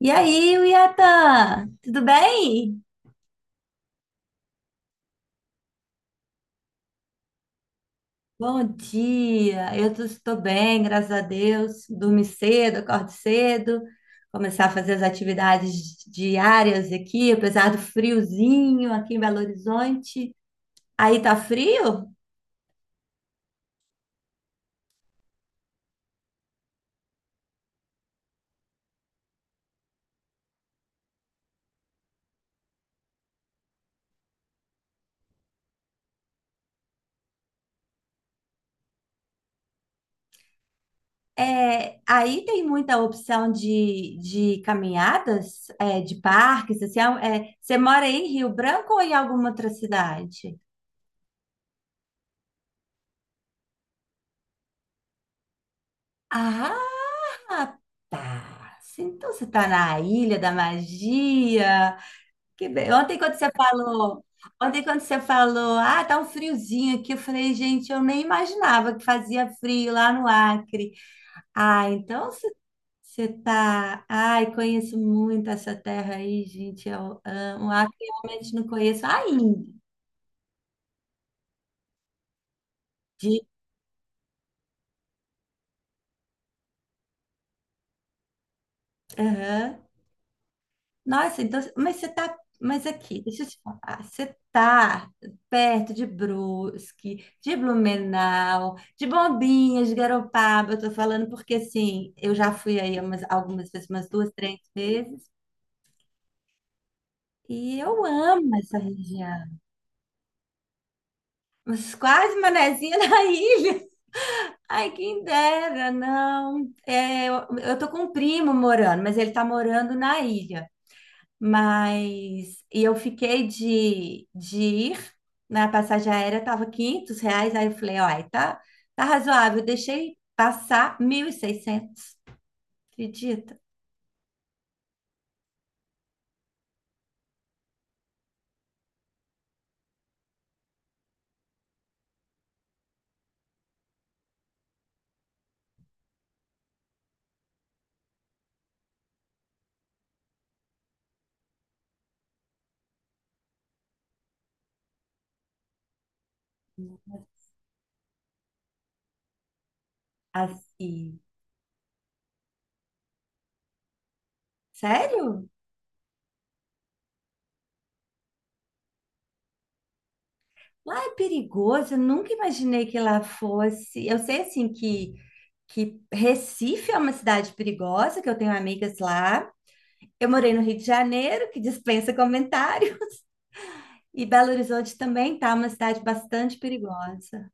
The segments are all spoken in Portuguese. E aí, Yatan, tudo bem? Bom dia, estou bem, graças a Deus. Dormi cedo, acordo cedo, começar a fazer as atividades diárias aqui, apesar do friozinho aqui em Belo Horizonte. Aí tá frio? É, aí tem muita opção de caminhadas, é, de parques, assim, você mora em Rio Branco ou em alguma outra cidade? Ah, assim, então você está na Ilha da Magia. Ontem quando você falou, ah, tá um friozinho aqui, eu falei, gente, eu nem imaginava que fazia frio lá no Acre. Ah, então você tá, ai, conheço muito essa terra aí, gente. Eu amo. O Acre realmente não conheço ainda. De... Aham. Nossa, então, mas você tá, mas aqui, deixa eu te falar, você tá perto de Brusque, de Blumenau, de Bombinhas, de Garopaba, eu tô falando porque, assim, eu já fui aí umas- algumas vezes, umas duas, três vezes, e eu amo essa região, mas quase Manezinha na ilha. Ai, quem dera, não. Eu tô com um primo morando, mas ele tá morando na ilha. Mas e eu fiquei de ir na passagem aérea, estava R$ 500. Aí eu falei, olha, tá, tá razoável. Eu deixei passar 1.600. Acredita? Assim, sério? Lá é perigoso. Eu nunca imaginei que lá fosse. Eu sei assim que Recife é uma cidade perigosa, que eu tenho amigas lá. Eu morei no Rio de Janeiro, que dispensa comentário, e Belo Horizonte também tá uma cidade bastante perigosa.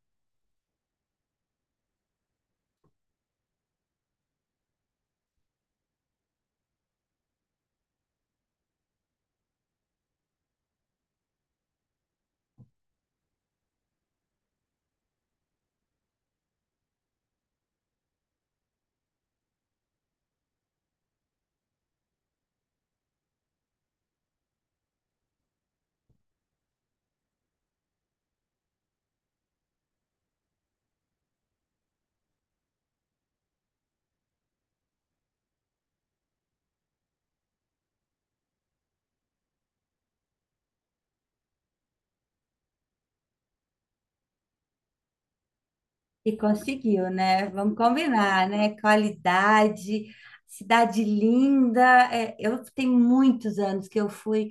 E conseguiu, né? Vamos combinar, né? Qualidade, cidade linda. É, eu tenho muitos anos que eu fui,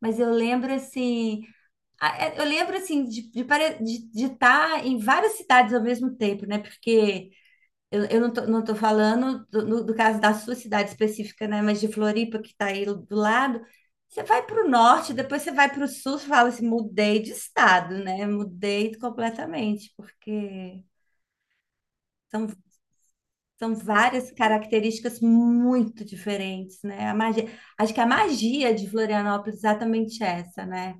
mas eu lembro assim, eu lembro assim de estar em várias cidades ao mesmo tempo, né? Porque eu não tô falando do, no- do caso da sua cidade específica, né? Mas de Floripa, que está aí do lado. Você vai para o norte, depois você vai para o sul, você fala assim, mudei de estado, né? Mudei completamente, porque são são várias características muito diferentes, né? A magia, acho que a magia de Florianópolis é exatamente essa, né?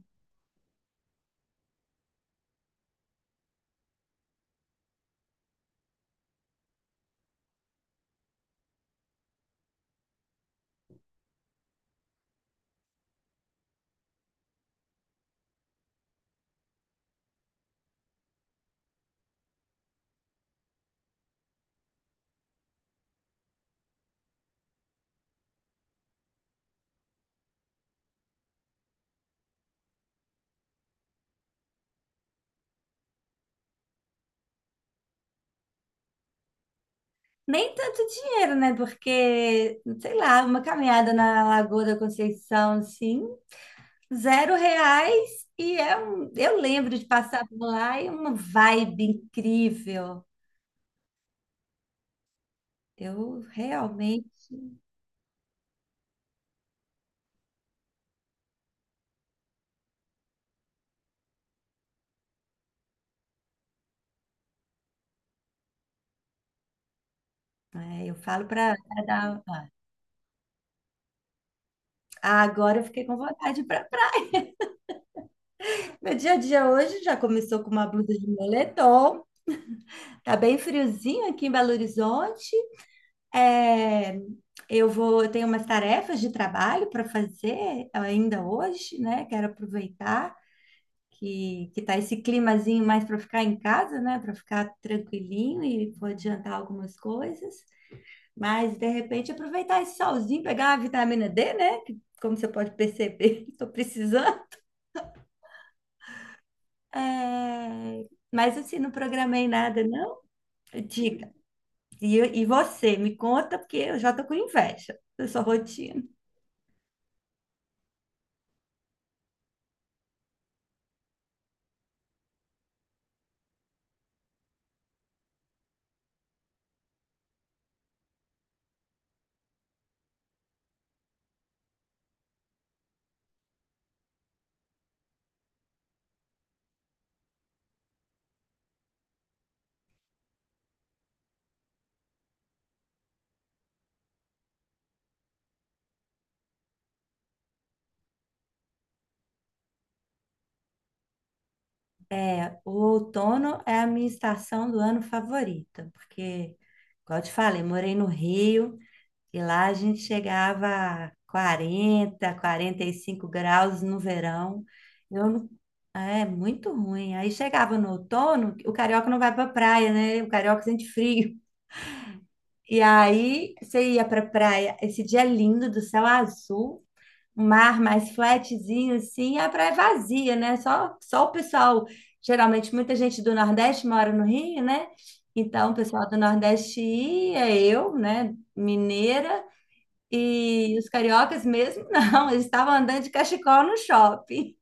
Nem tanto dinheiro, né? Porque, sei lá, uma caminhada na Lagoa da Conceição, assim, R$ 0 e é um... eu lembro de passar por lá e é uma vibe incrível. Eu realmente, é, eu falo para dar. Ah, agora eu fiquei com vontade para praia. Meu dia a dia hoje já começou com uma blusa de moletom. Tá bem friozinho aqui em Belo Horizonte. É, eu tenho umas tarefas de trabalho para fazer ainda hoje, né? Quero aproveitar que tá esse climazinho mais para ficar em casa, né? Para ficar tranquilinho e vou adiantar algumas coisas. Mas de repente aproveitar esse solzinho, pegar uma vitamina D, né? Que, como você pode perceber, estou precisando. É, mas assim, não programei nada, não. E você, me conta, porque eu já tô com inveja da sua rotina. É, o outono é a minha estação do ano favorita, porque, como eu te falei, morei no Rio e lá a gente chegava a 40, 45 graus no verão. Eu, não- é muito ruim. Aí chegava no outono, o carioca não vai pra praia, né? O carioca sente frio. E aí você ia pra praia, esse dia lindo do céu azul, um mar mais flatzinho, assim, e a praia é vazia, né? Só o pessoal, geralmente muita gente do Nordeste mora no Rio, né? Então, o pessoal do Nordeste ia, eu, né, mineira, e os cariocas mesmo, não, eles estavam andando de cachecol no shopping.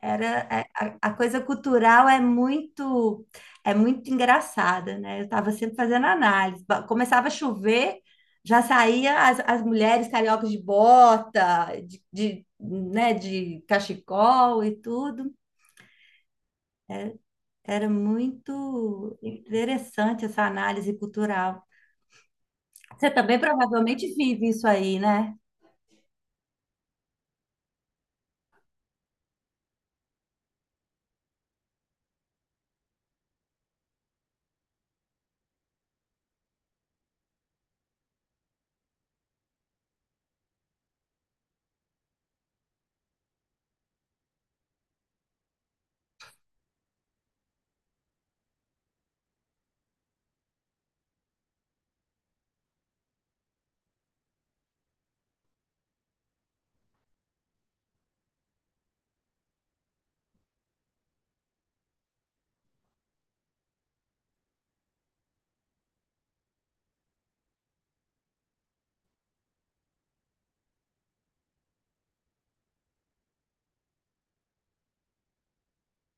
Era é, a coisa cultural é muito engraçada, né? Eu estava sempre fazendo análise. Começava a chover, já saía as mulheres cariocas de bota, de cachecol e tudo. Era muito interessante essa análise cultural. Você também provavelmente vive isso aí, né?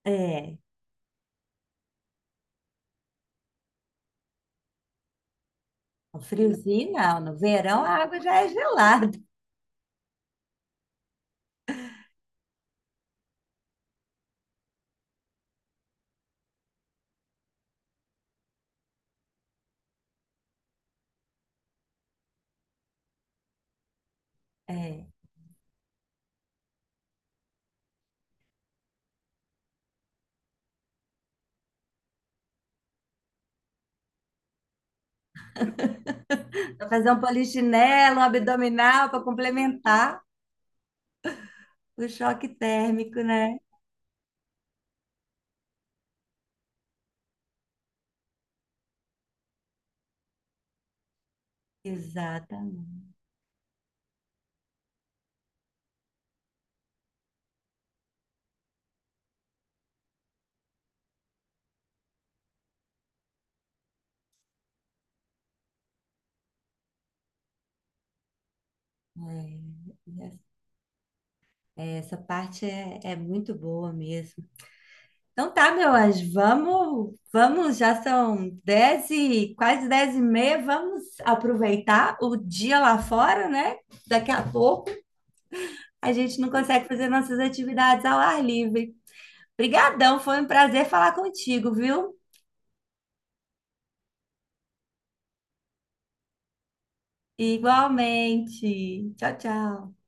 É, no friozinho não, no verão a água já é gelada. É. Para fazer um polichinelo, um abdominal para complementar o choque térmico, né? Exatamente. É, essa parte é muito boa mesmo. Então tá, meu anjo, vamos, vamos, já são 10 e quase 10:30, vamos aproveitar o dia lá fora, né? Daqui a pouco a gente não consegue fazer nossas atividades ao ar livre. Obrigadão, foi um prazer falar contigo, viu? Igualmente. Tchau, tchau.